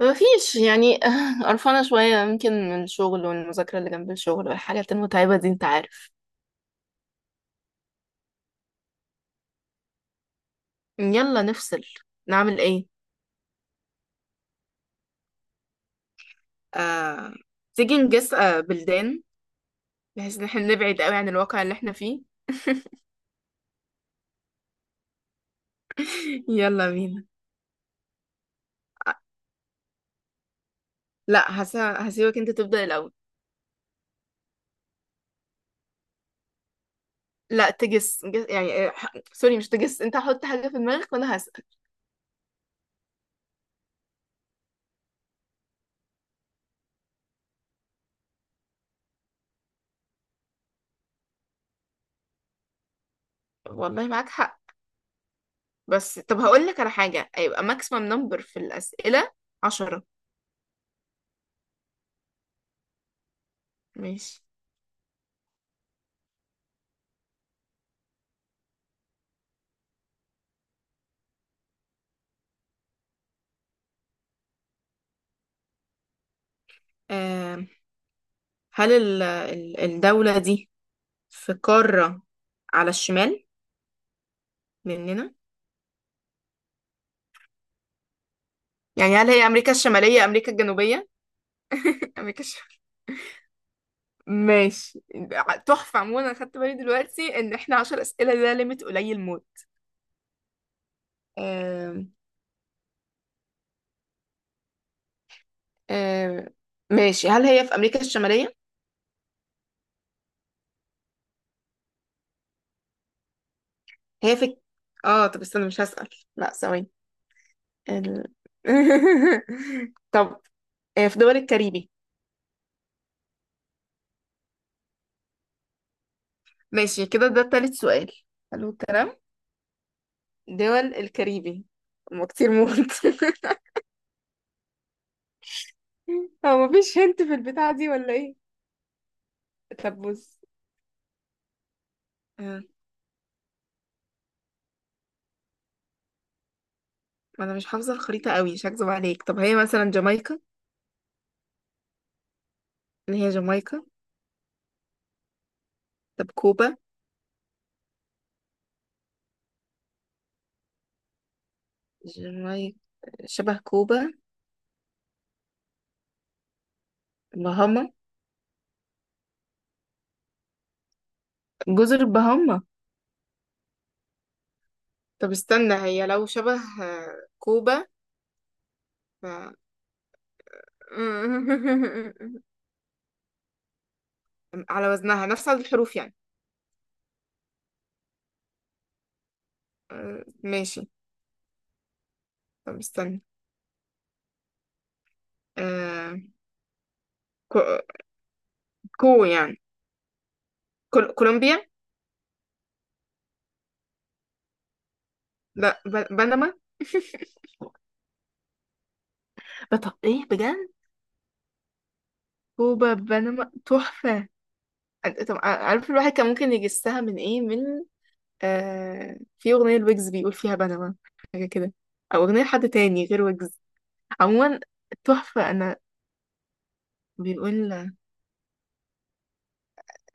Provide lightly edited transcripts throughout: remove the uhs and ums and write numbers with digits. ما فيش يعني قرفانة شوية يمكن من الشغل والمذاكرة اللي جنب الشغل والحاجات المتعبة دي انت عارف. يلا نفصل، نعمل ايه؟ آه... تيجي نجس بلدان، بحيث ان احنا نبعد قوي عن الواقع اللي احنا فيه. يلا بينا. آه، لا هسيبك انت تبدأ الأول. لا، يعني سوري، مش تجس، انت حط حاجة في دماغك وانا هسأل. والله معاك حق. بس طب هقول لك على حاجة هيبقى ماكسيمم نمبر في الأسئلة 10. ماشي. آه، هل الدولة دي في قارة على الشمال مننا؟ يعني هل هي أمريكا الشمالية، أمريكا الجنوبية؟ أمريكا الشمالية. ماشي. تحفة. عموما أنا خدت بالي دلوقتي إن إحنا 10 أسئلة ده ليميت قليل موت. آم، آم، ماشي. هل هي في أمريكا الشمالية؟ هي في... طب استنى، مش هسأل. لا ثواني. ال... طب، في دول الكاريبي. ماشي كده، ده تالت سؤال. حلو الكلام. دول الكاريبي هما كتير موت. هو مفيش هنت في البتاعة دي ولا ايه؟ طب بص، آه، انا مش حافظة الخريطة قوي، مش هكذب عليك. طب هي مثلا جامايكا؟ اللي هي جامايكا. طب كوبا. جامايكا شبه كوبا. بهاما. جزر بهاما. طب استنى، هي لو شبه كوبا ف... على وزنها، نفس عدد الحروف يعني. ماشي. طب استنى، آه، كو... كو يعني كولومبيا. لا، بنما. بطب ايه بجد؟ كوبا بنما تحفة. طب عارف الواحد كان ممكن يجسها من ايه؟ من في أغنية الويجز بيقول فيها بنما، حاجة كده. أو أغنية حد تاني غير ويجز. عموما تحفة. أنا بيقول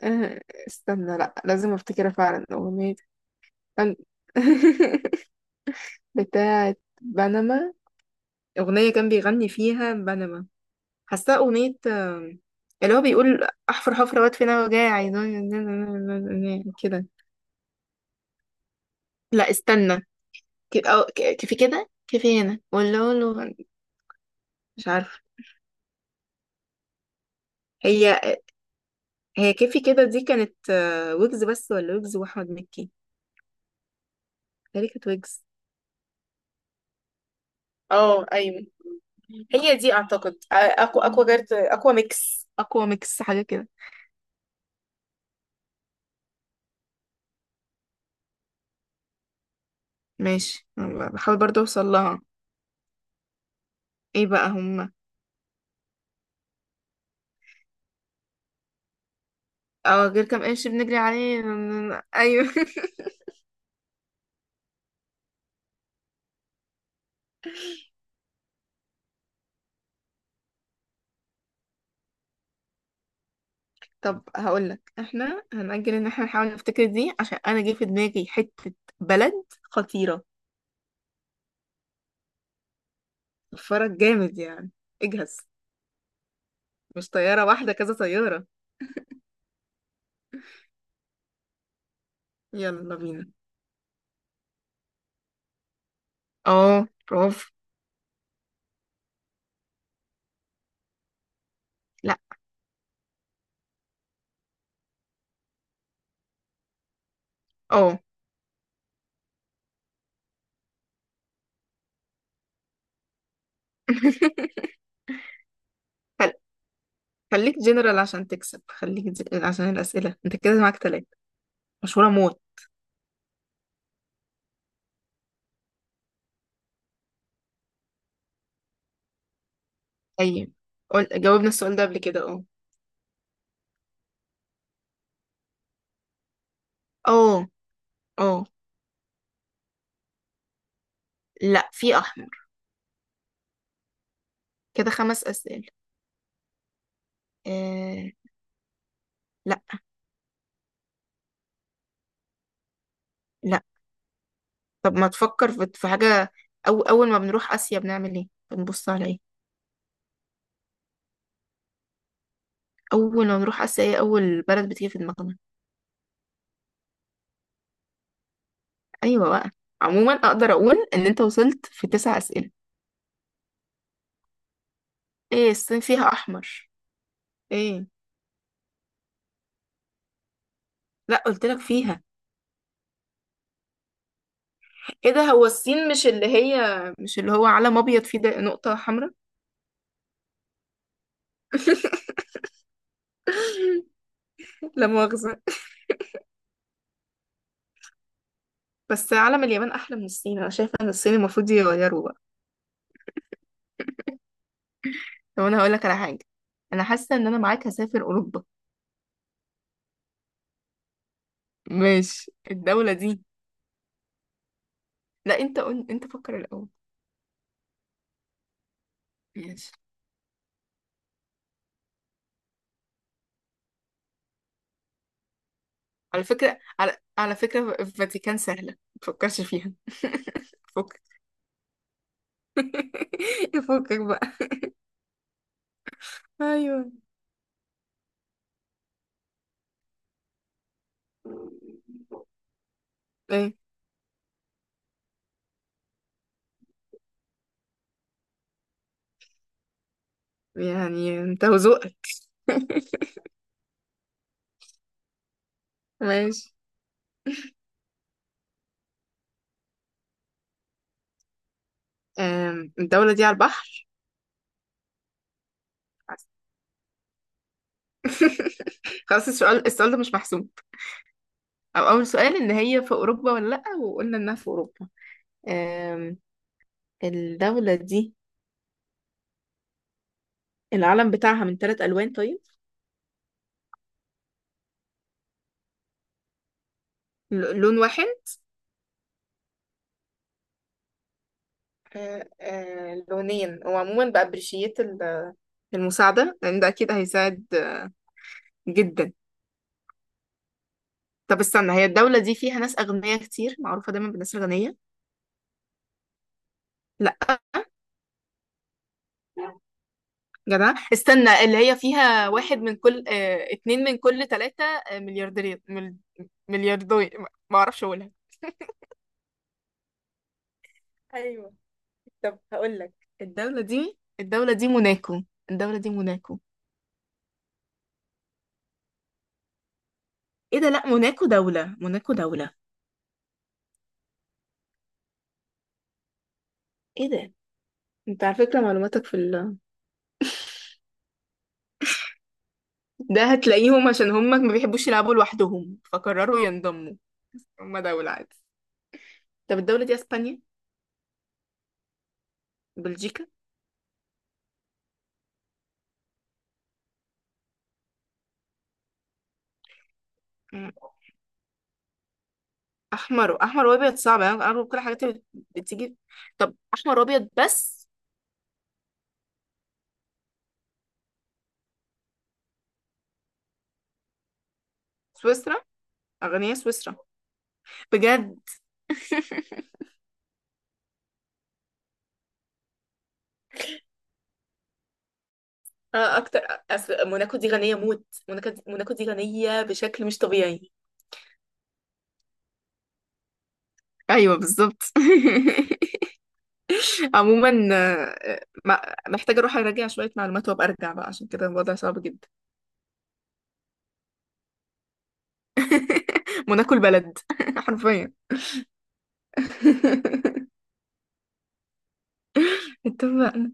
آه استنى، لا لازم افتكرها فعلا، أغنية. كان- بتاعة بنما، أغنية كان بيغني فيها بنما. حاساه أغنية، اللي هو بيقول أحفر حفرة وأدفن أنا وجاي عايزاني كده. لا استنى، كيفي كده. كيفي هنا ولا له؟ مش عارفة. هي هي كيفي كده دي كانت ويجز بس ولا ويجز وأحمد مكي؟ تقريبا كانت ويجز. اه ايوه. هي دي اعتقد اقوى جارت، اقوى ميكس، أقوى ميكس، حاجة كده. ماشي، أنا بحاول برضه أوصل لها. إيه بقى هما؟ أو غير كام قرش بنجري عليه؟ أيوه. طب هقولك، احنا هنأجل ان احنا نحاول نفتكر دي، عشان انا جه في دماغي حتة بلد خطيرة، فرق جامد يعني. اجهز، مش طيارة واحدة، كذا طيارة. يلا بينا. اه برافو. لا، اه. خل- خليك جنرال عشان تكسب، خليك عشان الأسئلة انت كده معاك تلاتة. مشهورة موت. طيب قول، جاوبنا السؤال ده قبل كده، اه. اه، اه. لا في احمر. كده خمس أسئلة. آه. لا، لا. طب ما تفكر في حاجة. أو أول ما بنروح آسيا بنعمل إيه؟ بنبص على إيه؟ أول ما بنروح آسيا، إيه أول بلد بتيجي في دماغنا؟ أيوة بقى. عموما أقدر أقول إن أنت وصلت في تسع أسئلة. إيه، الصين فيها أحمر؟ إيه؟ لا، قلت لك فيها. إيه ده، هو الصين مش اللي هي، مش اللي هو علم أبيض فيه ده نقطة حمراء؟ لا مؤاخذة. بس علم اليابان أحلى من الصين، أنا شايفة إن الصين المفروض يغيره بقى. طب أنا هقول لك على حاجة، أنا حاسة إن أنا معاك هسافر أوروبا. ماشي، الدولة دي. لا انت قول، انت فكر الاول. ماشي. على فكرة، على فكرة، الفاتيكان سهلة، ما تفكرش فيها فك. فكك بقى. ايوه ايه؟ يعني انت وذوقك. ماشي. الدولة دي على البحر؟ خلاص، السؤال السؤال ده مش محسوب. او اول سؤال ان هي في اوروبا ولا لا، وقلنا انها في اوروبا. أم، الدولة دي العلم بتاعها من ثلاث الوان طيب؟ لون واحد؟ لونين. وعموما بأبريشيت المساعدة، لأن ده أكيد هيساعد جدا. طب استنى، هي الدولة دي فيها ناس أغنياء كتير، معروفة دايما بالناس الغنية؟ لا. جدع، استنى، اللي هي فيها واحد من كل اتنين من كل تلاتة ملياردير، ملياردوي، ما أعرفش أقولها. ايوه. طب هقول لك، الدولة دي موناكو. الدولة دي موناكو. ايه ده، لا موناكو دولة، موناكو دولة. ايه ده، انت على فكرة معلوماتك في... ده هتلاقيهم عشان هم ما بيحبوش يلعبوا لوحدهم فقرروا ينضموا. هم دولة عادي. طب الدولة دي اسبانيا؟ بلجيكا؟ مم. احمر وابيض، صعب. أنا كل الحاجات اللي بتيجي. طب احمر وابيض بس؟ سويسرا. اغنياء سويسرا. بجد. اكتر. أصل موناكو دي غنية موت، موناكو دي غنية بشكل مش طبيعي. ايوه بالظبط. عموما، آه، محتاجة اروح اراجع شوية معلومات وابقى ارجع بقى، عشان كده الوضع صعب جدا. موناكو البلد. حرفيا. اتفقنا.